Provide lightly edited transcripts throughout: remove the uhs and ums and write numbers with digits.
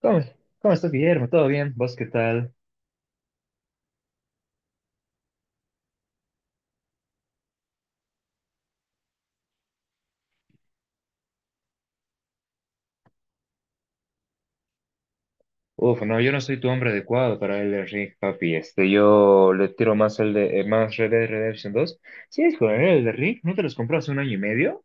¿Cómo, cómo estás, Guillermo? ¿Todo bien? ¿Vos qué tal? Uf, no, yo no soy tu hombre adecuado para el ring, papi. Este, yo le tiro más el de más Red Dead Redemption 2. Sí, es con el de ring, ¿no te los compró hace un año y medio?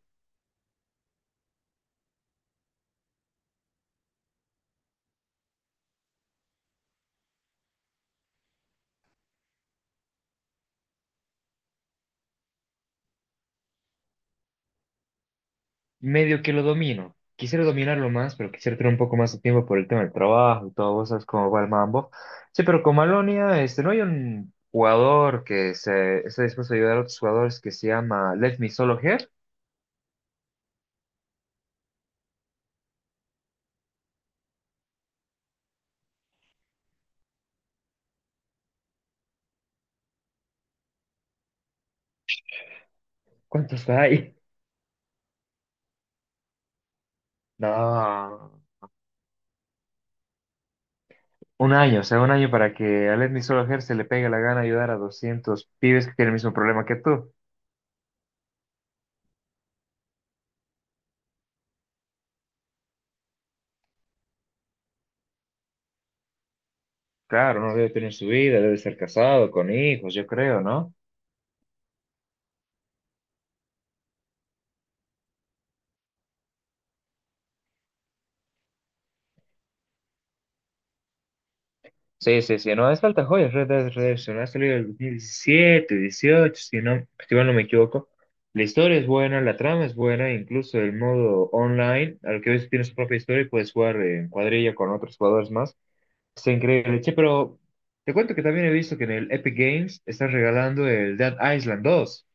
Medio que lo domino. Quisiera dominarlo más, pero quisiera tener un poco más de tiempo por el tema del trabajo y todo, vos sabes cómo va el mambo. Sí, pero con Malonia, este, no hay un jugador que se esté dispuesto a ayudar a otros jugadores que se llama Let Me Solo Here. ¿Cuántos hay? No. Un año, o sea, un año para que a Lenny Solskjaer se le pegue la gana de ayudar a 200 pibes que tienen el mismo problema que tú. Claro, no debe tener su vida, debe ser casado, con hijos, yo creo, ¿no? Sí, sí, sí, no, es falta joyas, Red Dead Redemption, ha salido en el 2017, 18, si no, si mal no me equivoco. La historia es buena, la trama es buena, incluso el modo online, al que ves tiene su propia historia y puedes jugar en cuadrilla con otros jugadores más. Está increíble, che, pero te cuento que también he visto que en el Epic Games están regalando el Dead Island 2.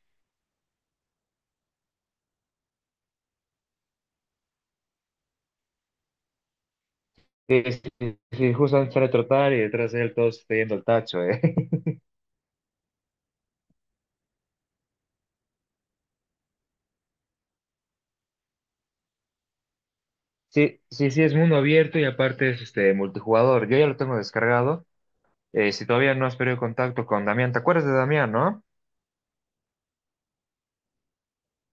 Sí, sí, sí, justamente sale a trotar y detrás de él todos está yendo al tacho, ¿eh? Sí, sí, sí, es mundo abierto y aparte es este multijugador. Yo ya lo tengo descargado. Si todavía no has perdido contacto con Damián, ¿te acuerdas de Damián, no?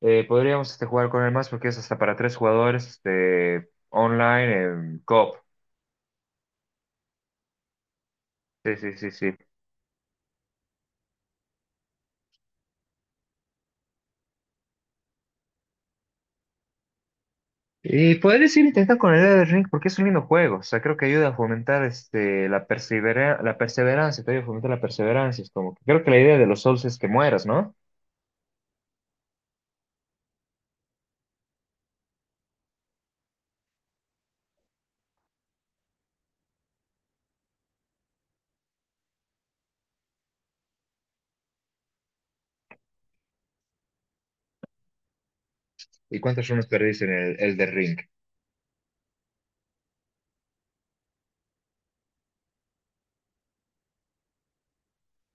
Podríamos este, jugar con él más porque es hasta para tres jugadores este, online en co. Sí, sí, sí, sí. Y podrías ir intentando con el Elden Ring porque es un lindo juego. O sea, creo que ayuda a fomentar este, la perseverancia, te ayuda a fomentar la perseverancia. Es como que creo que la idea de los Souls es que mueras, ¿no? ¿Y cuántos runes perdiste en el Elder Ring?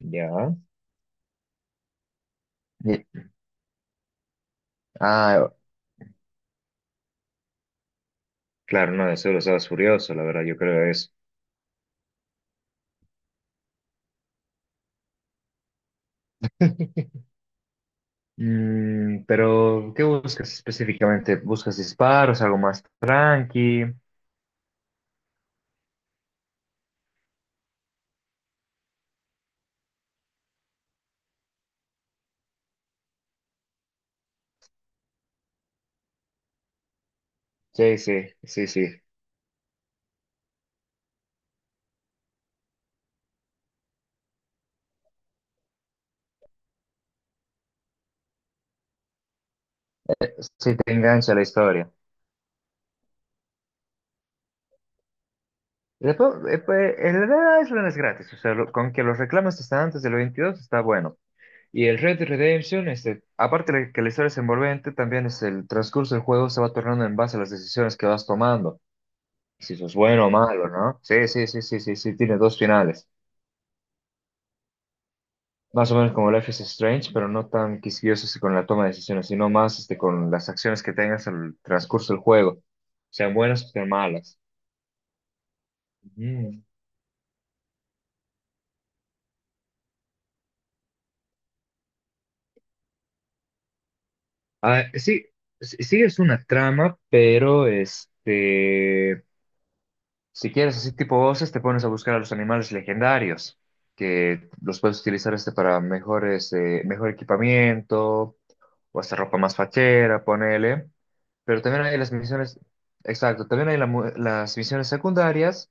Ya. Y. Ah, claro, no, eso lo estabas furioso, la verdad, yo creo eso. Mm, pero, ¿qué buscas específicamente? ¿Buscas disparos, algo más tranqui? Sí, sí, sí, sí. Sí te engancha la historia. Después, pues, el Red Dead Island es gratis, o sea, lo- con que los reclamos están antes del 22 está bueno. Y el Red Dead Redemption, este, aparte de que la historia es envolvente, también es el transcurso del juego se va tornando en base a las decisiones que vas tomando. Si eso es bueno o malo, ¿no? Sí, sí, sí, sí, sí, sí, tiene dos finales. Más o menos como Life is Strange, pero no tan quisquillosos con la toma de decisiones, sino más este, con las acciones que tengas al transcurso del juego, sean buenas o sean malas. Mm. Ah, sí, sí, sí es una trama, pero este, si quieres así tipo voces, te pones a buscar a los animales legendarios, que los puedes utilizar este para mejores, mejor equipamiento o hasta ropa más fachera, ponele. Pero también hay las misiones, exacto, también hay la mu- las misiones secundarias,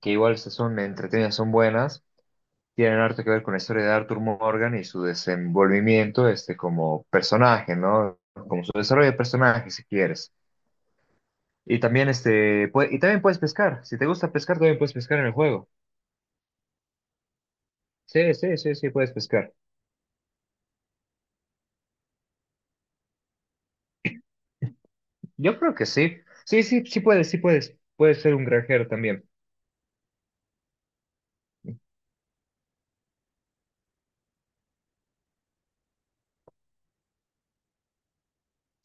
que igual se- son entretenidas, son buenas, tienen harto que ver con la historia de Arthur Morgan y su desenvolvimiento este, como personaje, ¿no? Como su desarrollo de personaje, si quieres. Y también, este, pue- y también puedes pescar, si te gusta pescar, también puedes pescar en el juego. Sí, sí, sí, sí, puedes pescar. Yo creo que sí. Sí, sí, sí puedes, sí puedes. Puedes ser un granjero también.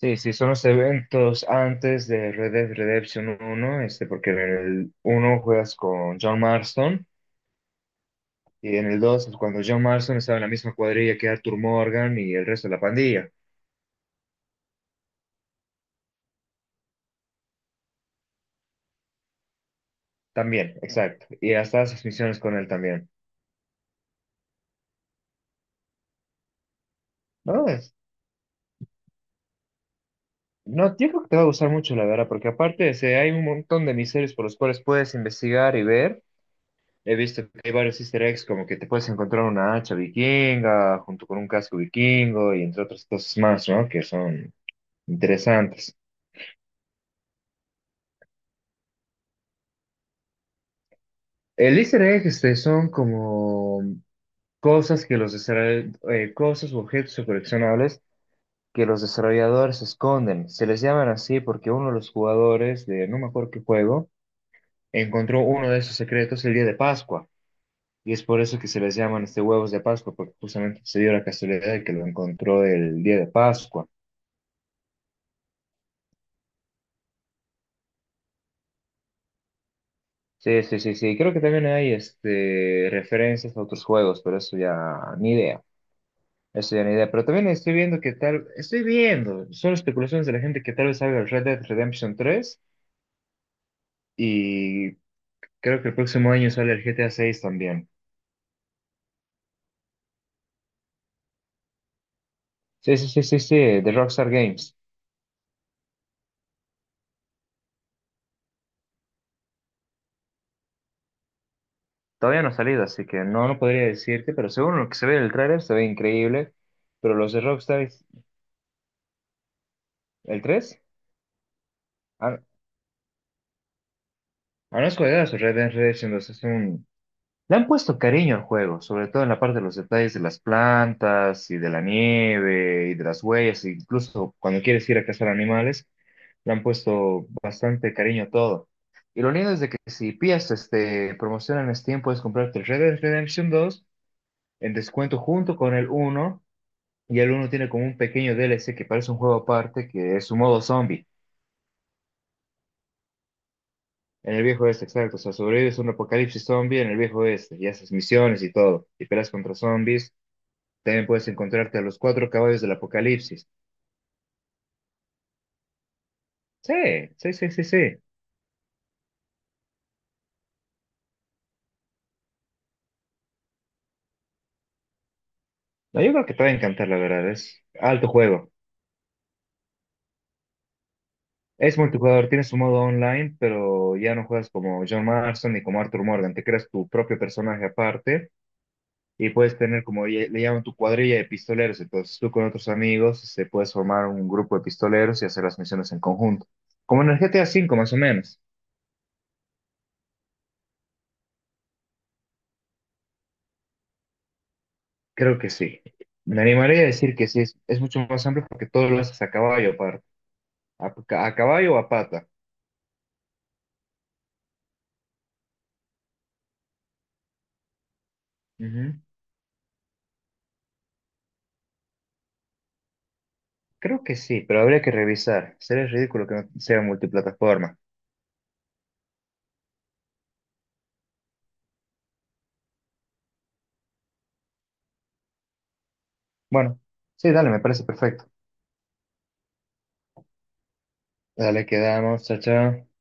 Sí, sí, son los eventos antes de Red Dead Redemption uno este, porque en el uno juegas con John Marston y en el 2 es cuando John Marston estaba en la misma cuadrilla que Arthur Morgan y el resto de la pandilla. También, exacto. Y hasta haces misiones con él también. No, es, no, yo creo que te va a gustar mucho, la verdad, porque aparte este, hay un montón de misterios por los cuales puedes investigar y ver. He visto que hay varios easter eggs, como que te puedes encontrar una hacha vikinga junto con un casco vikingo y entre otras cosas más, ¿no? Que son interesantes. El easter egg este, son como cosas que los desarroll- cosas u objetos o coleccionables que los desarrolladores esconden. Se les llaman así porque uno de los jugadores de no me acuerdo qué juego encontró uno de esos secretos el día de Pascua. Y es por eso que se les llaman este huevos de Pascua, porque justamente se dio la casualidad de que lo encontró el día de Pascua. Sí, sí, sí, sí. Creo que también hay este, referencias a otros juegos, pero eso ya ni idea. Esa pero también estoy viendo que tal, estoy viendo, son especulaciones de la gente que tal vez salga el Red Dead Redemption 3 y creo que el próximo año sale el GTA seis también. Sí, sí, sí, sí, sí, de Rockstar Games. Todavía no ha salido, así que no, no podría decirte, pero según lo que se ve en el trailer se ve increíble. Pero los de Rockstar, ¿el tres? Ah, no, ah, no, es juegazo, Red Dead Redemption 2 es un. Le han puesto cariño al juego, sobre todo en la parte de los detalles de las plantas y de la nieve y de las huellas, e incluso cuando quieres ir a cazar animales, le han puesto bastante cariño a todo. Y lo lindo es de que si pillas este, promoción en Steam, puedes comprarte el Red Dead Redemption 2 en descuento junto con el uno y el uno tiene como un pequeño DLC que parece un juego aparte, que es su modo zombie. En el viejo oeste, exacto. O sea, sobrevives a un apocalipsis zombie en el viejo oeste y haces misiones y todo. Y peleas contra zombies. También puedes encontrarte a los cuatro caballos del Apocalipsis. Sí, sí, sí, sí, sí. No, yo creo que te va a encantar, la verdad. Es alto juego. Es multijugador, tiene su modo online, pero ya no juegas como John Marston ni como Arthur Morgan. Te creas tu propio personaje aparte y puedes tener como lle- le llaman tu cuadrilla de pistoleros. Entonces tú con otros amigos se puedes formar un grupo de pistoleros y hacer las misiones en conjunto. Como en el GTA V, más o menos. Creo que sí. Me animaría a decir que sí, es mucho más amplio porque todo lo haces a caballo aparte. ¿A, ca- a caballo o a pata? Ujú. Creo que sí, pero habría que revisar. Sería ridículo que no sea multiplataforma. Bueno, sí, dale, me parece perfecto. Dale, quedamos. Chao, chao.